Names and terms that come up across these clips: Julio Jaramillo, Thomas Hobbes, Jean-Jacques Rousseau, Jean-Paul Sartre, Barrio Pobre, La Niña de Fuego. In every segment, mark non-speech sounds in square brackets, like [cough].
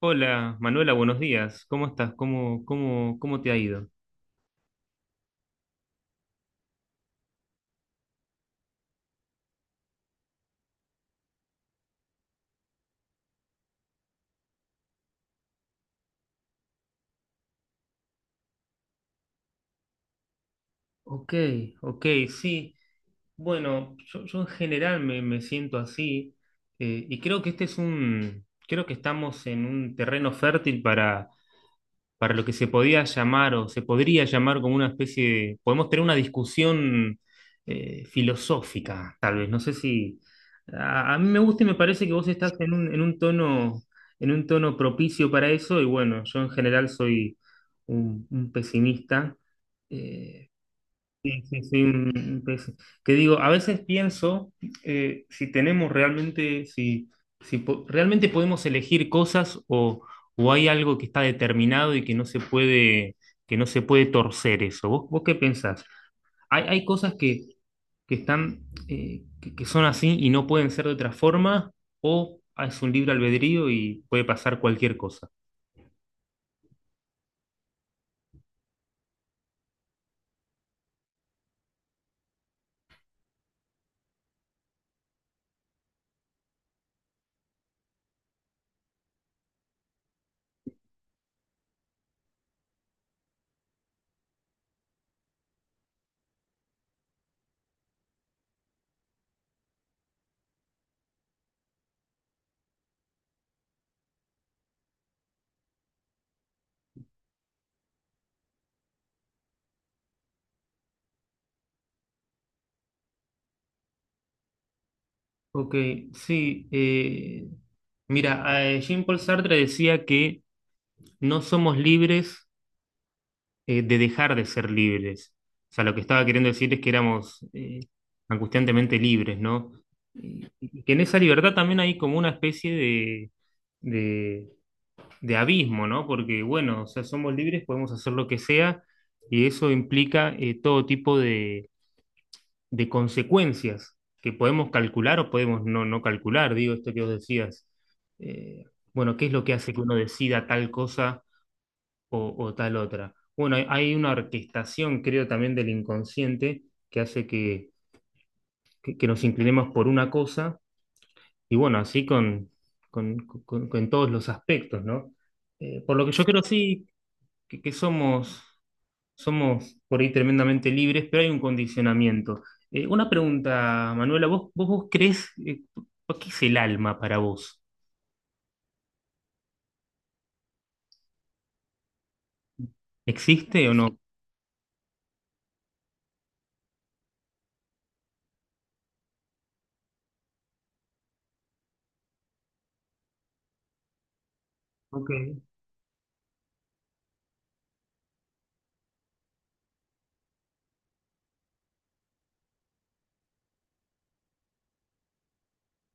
Hola, Manuela, buenos días. ¿Cómo estás? ¿Cómo te ha ido? Ok, ok, sí. Bueno, yo en general me siento así, y creo que creo que estamos en un terreno fértil para lo que se podía llamar o se podría llamar como una especie de, podemos tener una discusión, filosófica, tal vez. No sé si a mí me gusta y me parece que vos estás en un tono propicio para eso, y bueno, yo en general soy un pesimista. eh, Sí, sí, sí, pues, que digo, a veces pienso, si tenemos realmente, si, si po- realmente podemos elegir cosas, o hay algo que está determinado y que no se puede torcer eso. ¿Vos qué pensás? Hay cosas que están, que son así y no pueden ser de otra forma, o es un libre albedrío y puede pasar cualquier cosa. Ok, sí. Mira, Jean-Paul Sartre decía que no somos libres, de dejar de ser libres. O sea, lo que estaba queriendo decir es que éramos, angustiantemente libres, ¿no? Y que en esa libertad también hay como una especie de, de abismo, ¿no? Porque, bueno, o sea, somos libres, podemos hacer lo que sea, y eso implica, todo tipo de consecuencias que podemos calcular o podemos no calcular, digo, esto que vos decías. Eh, bueno, ¿qué es lo que hace que uno decida tal cosa, o tal otra? Bueno, hay una orquestación, creo, también del inconsciente que hace que nos inclinemos por una cosa, y bueno, así con, con todos los aspectos, ¿no? Por lo que yo creo, sí, que somos por ahí tremendamente libres, pero hay un condicionamiento. Una pregunta, Manuela, ¿vos crees, qué es el alma para vos? ¿Existe o no? Ok.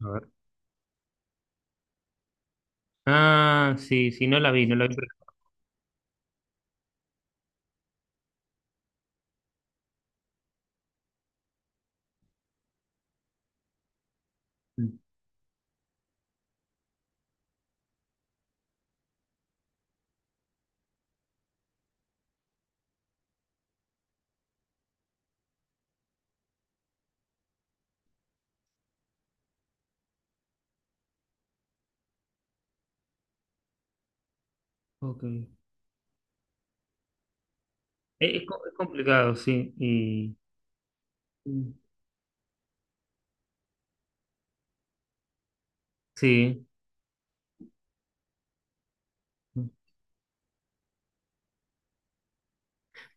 A ver. Ah, sí, sí, no la vi, no la vi. Ok. Es, es complicado, sí. Sí.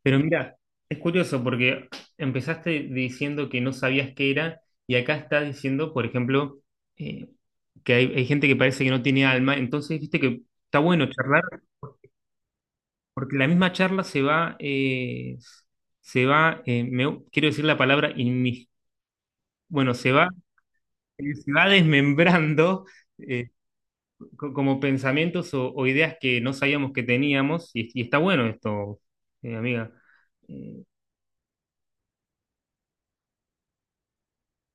Pero mira, es curioso porque empezaste diciendo que no sabías qué era y acá estás diciendo, por ejemplo, eh, que hay gente que parece que no tiene alma. Entonces viste que está bueno charlar porque la misma charla se va, quiero decir la palabra bueno, se va desmembrando. eh, como pensamientos o ideas que no sabíamos que teníamos, y está bueno esto, amiga. Eh,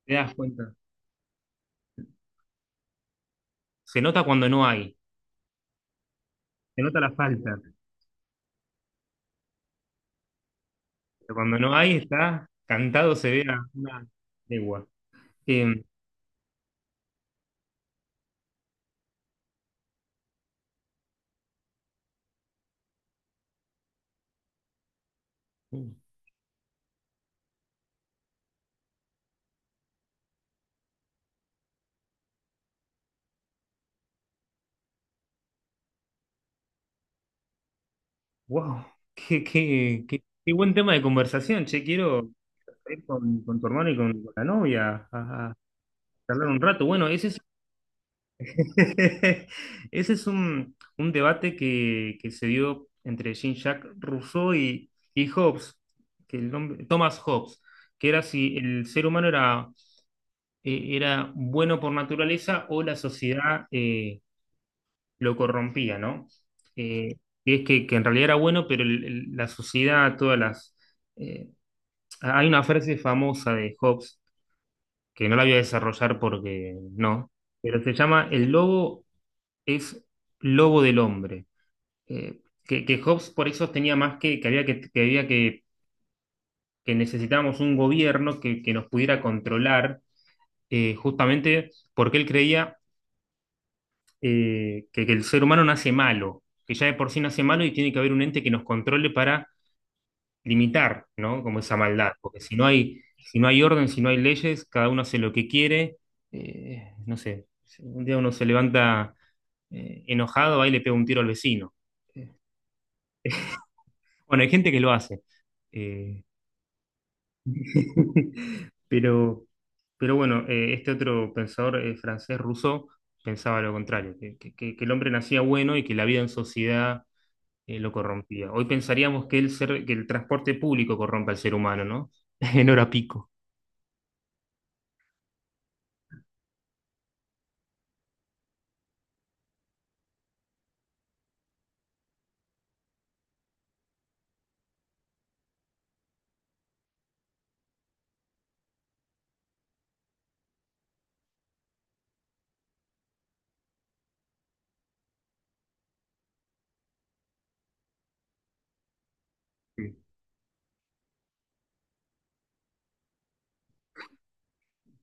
te das cuenta. Se nota cuando no hay, se nota la falta, pero cuando no hay está cantado, se ve a una legua. Eh, wow, qué buen tema de conversación, che, quiero ir con tu hermano y con la novia a charlar un rato. Bueno, ese es [laughs] Ese es un debate que se dio entre Jean-Jacques Rousseau y Hobbes, que el nombre, Thomas Hobbes, que era si el ser humano era, era bueno por naturaleza o la sociedad, lo corrompía, ¿no? Eh, y es que en realidad era bueno, pero la sociedad, eh, hay una frase famosa de Hobbes, que no la voy a desarrollar porque no, pero se llama El lobo es lobo del hombre. eh, que Hobbes por eso tenía más que había que necesitábamos un gobierno que nos pudiera controlar, justamente porque él creía, que el ser humano nace malo, que ya de por sí nace malo y tiene que haber un ente que nos controle para limitar, ¿no? Como esa maldad, porque si no hay orden, si no hay leyes, cada uno hace lo que quiere, no sé, si un día uno se levanta, enojado, ahí le pega un tiro al vecino. Bueno, hay gente que lo hace. Eh, [laughs] Pero, pero bueno, este otro pensador, francés, Rousseau, pensaba lo contrario, que el hombre nacía bueno y que la vida en sociedad, lo corrompía. Hoy pensaríamos que que el transporte público corrompe al ser humano, ¿no? [laughs] En hora pico.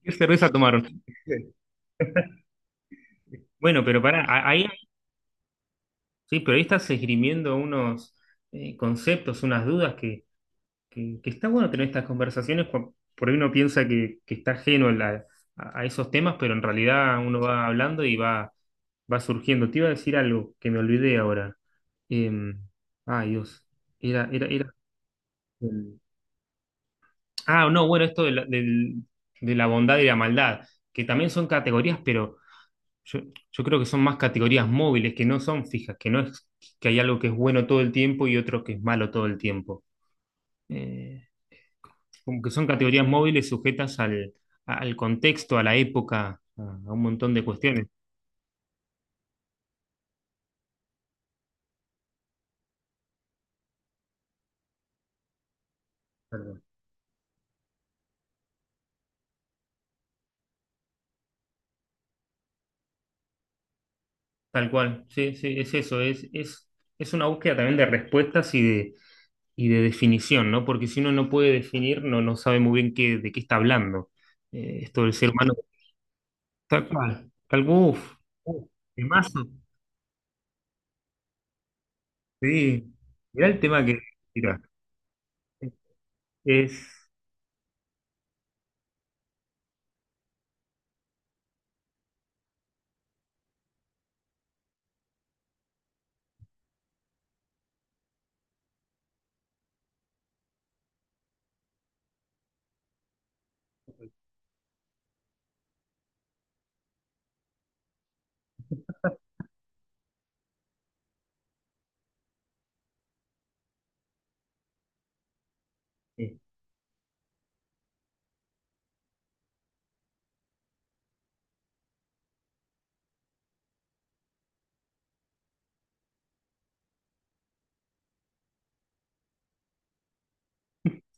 ¿Qué cerveza tomaron? Bueno, pero pará, ahí, sí, pero ahí estás esgrimiendo unos, conceptos, unas dudas que está bueno tener estas conversaciones, por ahí uno piensa que está ajeno a esos temas, pero en realidad uno va hablando y va surgiendo. Te iba a decir algo que me olvidé ahora. Eh, Ay, Dios. Era. em, ah, no, bueno, esto de de la bondad y la maldad, que también son categorías, pero yo, yo creo que son más categorías móviles, que no son fijas, que no es que hay algo que es bueno todo el tiempo y otro que es malo todo el tiempo. Eh, como que son categorías móviles sujetas al contexto, a la época, a un montón de cuestiones. Tal cual, sí, sí, es eso, es una búsqueda también de respuestas y de definición, ¿no? Porque si uno no puede definir, no sabe muy bien de qué está hablando. Esto del ser humano, tal cual, tal uf, uf, temazo, sí, mirá el tema que, mira, es, es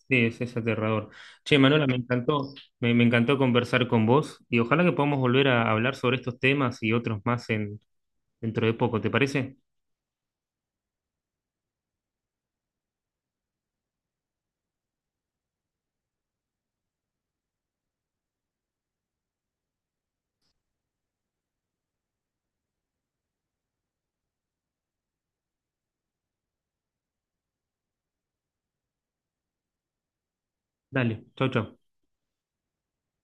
Sí, es aterrador. Che, Manuela, me encantó conversar con vos y ojalá que podamos volver a hablar sobre estos temas y otros más, dentro de poco, ¿te parece? Dale, chau, chau.